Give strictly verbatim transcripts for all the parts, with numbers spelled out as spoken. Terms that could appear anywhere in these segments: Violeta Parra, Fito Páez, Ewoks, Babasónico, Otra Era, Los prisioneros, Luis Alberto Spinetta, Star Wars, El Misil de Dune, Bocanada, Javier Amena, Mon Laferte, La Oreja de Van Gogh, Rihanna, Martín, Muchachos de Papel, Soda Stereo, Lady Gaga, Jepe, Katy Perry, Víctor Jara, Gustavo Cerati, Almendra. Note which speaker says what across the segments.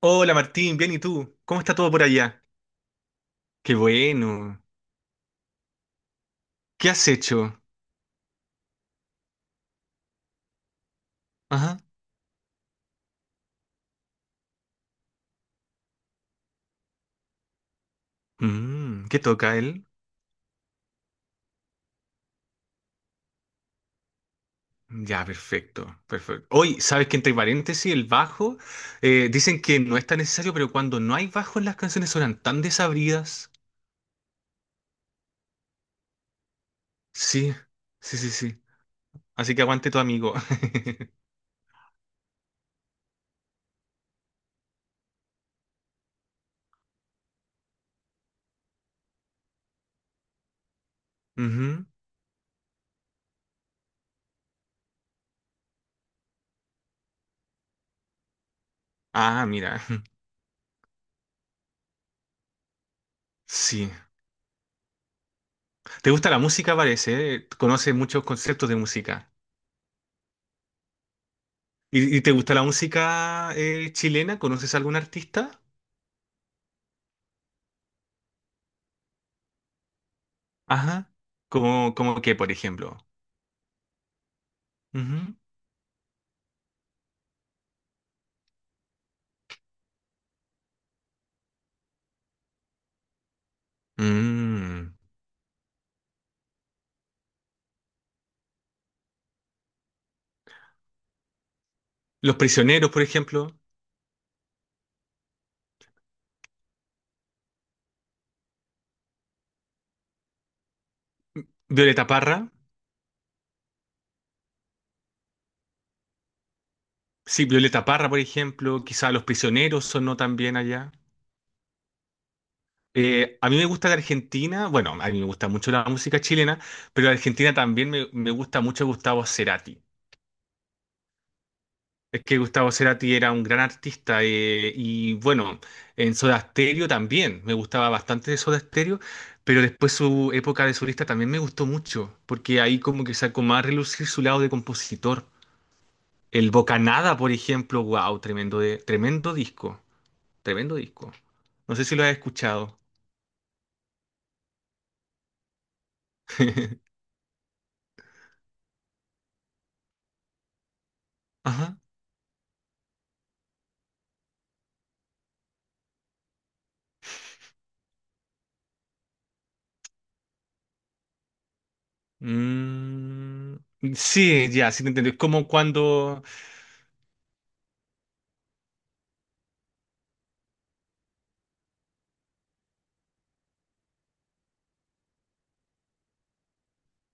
Speaker 1: Hola Martín, bien, ¿y tú? ¿Cómo está todo por allá? Qué bueno. ¿Qué has hecho? Ajá. Mm, ¿qué toca él? Ya, perfecto, perfecto. Hoy, ¿sabes que entre paréntesis el bajo? Eh, dicen que no es tan necesario, pero cuando no hay bajo las canciones suenan tan desabridas. Sí, sí, sí, sí. Así que aguante tu amigo. Ujú. Ah, mira. Sí. ¿Te gusta la música, parece? ¿Eh? Conoces muchos conceptos de música. ¿Y, y te gusta la música eh, chilena? ¿Conoces algún artista? Ajá. Como, como que, por ejemplo. Ujú. Mm. Los prisioneros, por ejemplo. Violeta Parra. Sí, Violeta Parra, por ejemplo. Quizá Los prisioneros sonó también allá. Eh, a mí me gusta de Argentina. Bueno, a mí me gusta mucho la música chilena, pero de Argentina también me, me gusta mucho Gustavo Cerati. Es que Gustavo Cerati era un gran artista eh, y bueno, en Soda Stereo también, me gustaba bastante de Soda Stereo, pero después su época de solista también me gustó mucho, porque ahí como que sacó más a relucir su lado de compositor. El Bocanada, por ejemplo, wow, tremendo, de, tremendo disco, tremendo disco. No sé si lo has escuchado. Ajá. Mm, sí, ya, sí te entendí. Es como cuando…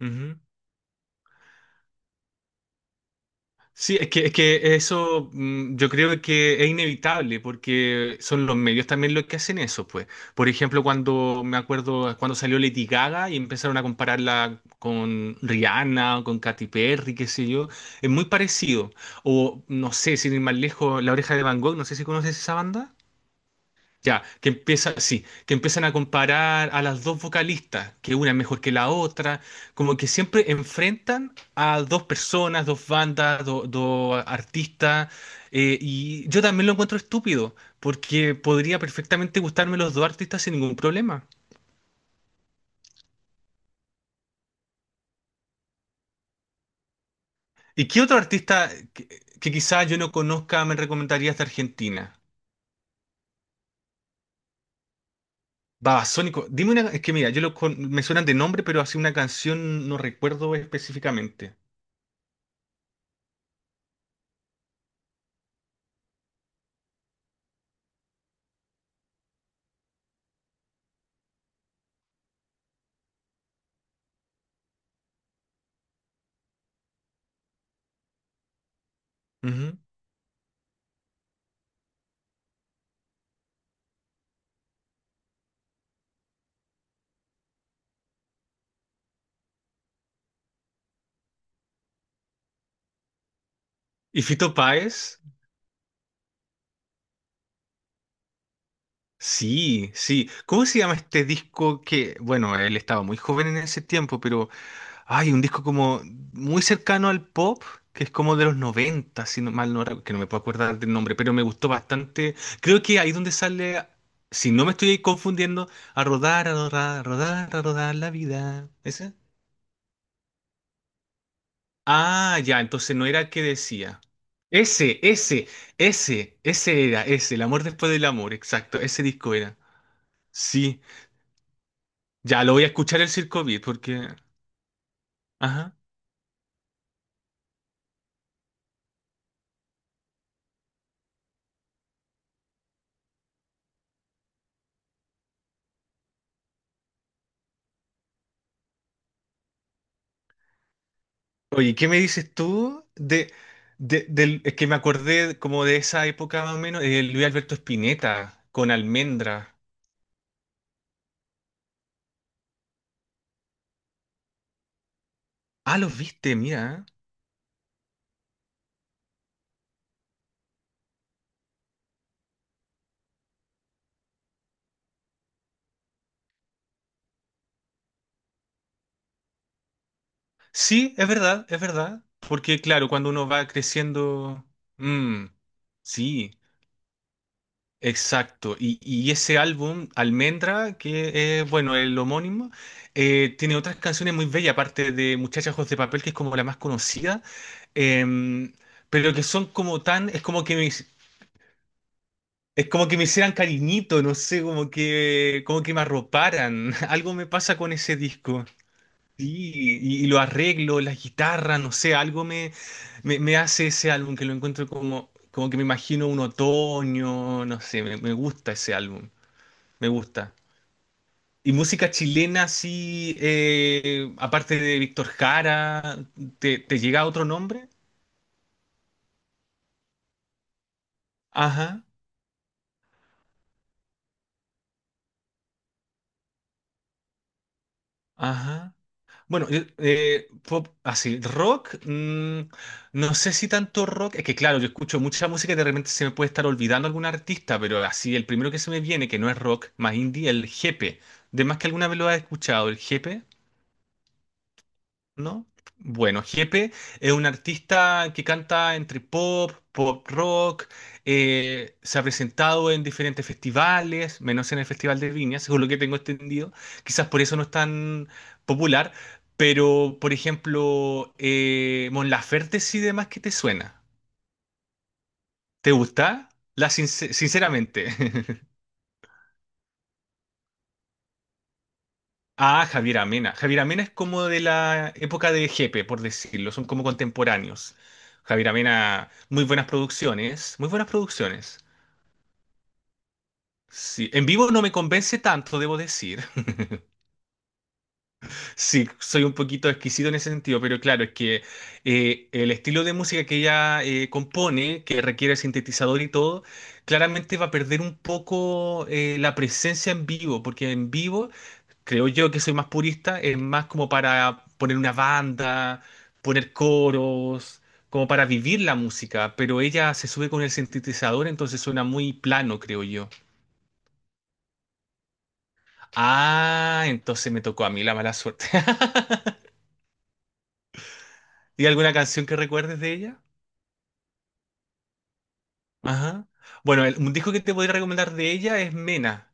Speaker 1: Ujú. Sí, es que, es que eso mm, yo creo que es inevitable porque son los medios también los que hacen eso, pues. Por ejemplo, cuando me acuerdo cuando salió Lady Gaga y empezaron a compararla con Rihanna o con Katy Perry, qué sé yo, es muy parecido. O no sé, sin ir más lejos, La Oreja de Van Gogh, no sé si conoces esa banda. Ya, que empieza, sí, que empiezan a comparar a las dos vocalistas, que una es mejor que la otra, como que siempre enfrentan a dos personas, dos bandas, do- dos artistas, eh, y yo también lo encuentro estúpido, porque podría perfectamente gustarme los dos artistas sin ningún problema. ¿Y qué otro artista que, que quizás yo no conozca me recomendarías de Argentina? Babasónico, dime una, es que mira, yo lo con- me suenan de nombre, pero así una canción no recuerdo específicamente. Ujú. ¿Y Fito Páez? Sí, sí. ¿Cómo se llama este disco que, bueno, él estaba muy joven en ese tiempo, pero hay un disco como muy cercano al pop, que es como de los noventa, si no mal no recuerdo, que no me puedo acordar del nombre, pero me gustó bastante. Creo que ahí donde sale, si no me estoy confundiendo, a rodar, a rodar, a rodar, a rodar la vida. ¿Ese? Ah, ya, entonces no era el que decía. Ese, ese, ese, ese era, ese, El amor después del amor, exacto, ese disco era. Sí. Ya lo voy a escuchar el Circo Beat porque. Ajá. Oye, ¿qué me dices tú de, de- del. Es que me acordé como de esa época más o menos, de Luis Alberto Spinetta con Almendra. Ah, los viste, mira. Sí, es verdad, es verdad. Porque claro, cuando uno va creciendo. Mm, sí, exacto. Y, y ese álbum, Almendra, que es, bueno, el homónimo, eh, tiene otras canciones muy bellas, aparte de Muchachos de Papel, que es como la más conocida. Em, pero que son como tan, es como que me, es como que me hicieran cariñito, no sé, como que, como que me arroparan. Algo me pasa con ese disco. Sí, y, y lo arreglo, las guitarras, no sé, algo me, me, me hace ese álbum que lo encuentro como, como que me imagino un otoño, no sé, me, me gusta ese álbum, me gusta. Y música chilena, sí, eh, aparte de Víctor Jara, ¿te, te llega otro nombre? Ajá, ajá. Bueno, yo, eh, pop así, rock, mm, no sé si tanto rock, es que claro, yo escucho mucha música y de repente se me puede estar olvidando algún artista, pero así, el primero que se me viene, que no es rock, más indie, el Jepe. De más que alguna vez lo has escuchado, el Jepe. ¿No? Bueno, Jepe es un artista que canta entre pop, pop rock, eh, se ha presentado en diferentes festivales, menos en el Festival de Viña, según lo que tengo entendido. Quizás por eso no es tan popular, pero por ejemplo, eh, Mon Laferte sí demás que te suena. ¿Te gusta? La sincer- sinceramente. Ah, Javier Amena. Javier Amena es como de la época de Jepe, por decirlo, son como contemporáneos. Javier Amena, muy buenas producciones, muy buenas producciones. Sí, en vivo no me convence tanto, debo decir. Sí, soy un poquito exquisito en ese sentido, pero claro, es que eh, el estilo de música que ella eh, compone, que requiere sintetizador y todo, claramente va a perder un poco eh, la presencia en vivo, porque en vivo creo yo que soy más purista, es más como para poner una banda, poner coros, como para vivir la música, pero ella se sube con el sintetizador, entonces suena muy plano, creo yo. Ah, entonces me tocó a mí la mala suerte. ¿Y alguna canción que recuerdes de ella? Ajá. Bueno, el- un disco que te podría recomendar de ella es Mena.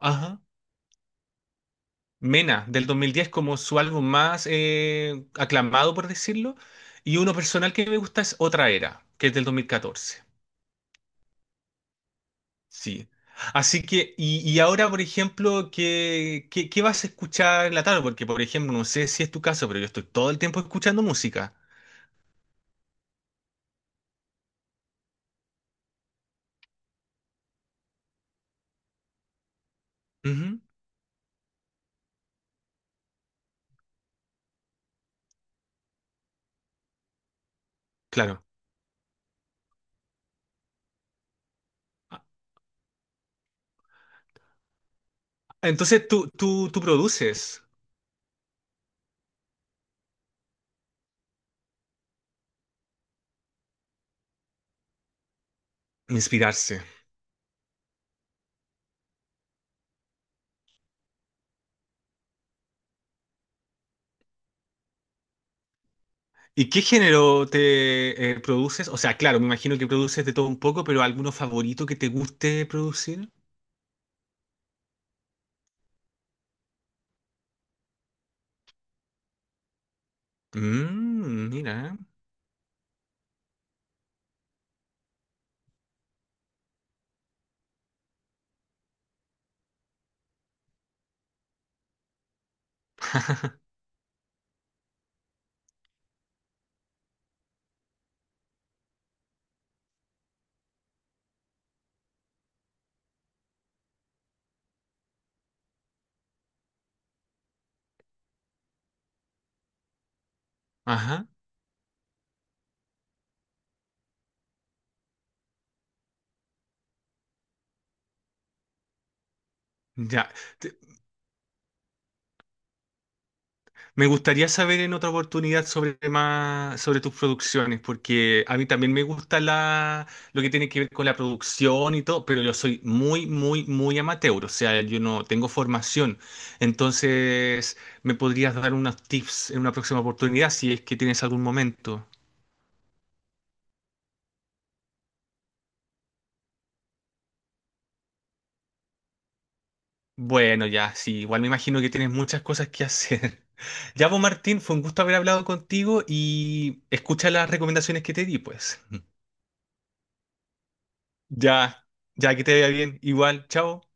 Speaker 1: Ajá. Mena, del dos mil diez como su álbum más eh, aclamado, por decirlo. Y uno personal que me gusta es Otra Era, que es del dos mil catorce. Sí. Así que, y, y ahora, por ejemplo, ¿qué, qué, qué vas a escuchar en la tarde? Porque, por ejemplo, no sé si es tu caso, pero yo estoy todo el tiempo escuchando música. Ujú, claro. Ah, entonces, tú, tú, tú produces inspirarse. ¿Y qué género te eh, produces? O sea, claro, me imagino que produces de todo un poco, pero ¿alguno favorito que te guste producir? Mm, mira. Ajá. Ya. Me gustaría saber en otra oportunidad sobre más, sobre tus producciones, porque a mí también me gusta la, lo que tiene que ver con la producción y todo, pero yo soy muy, muy, muy amateur, o sea, yo no tengo formación. Entonces, ¿me podrías dar unos tips en una próxima oportunidad si es que tienes algún momento? Bueno, ya, sí, igual me imagino que tienes muchas cosas que hacer. Ya, vos, Martín, fue un gusto haber hablado contigo y escucha las recomendaciones que te di, pues. Ya, ya que te vea bien. Igual, chao.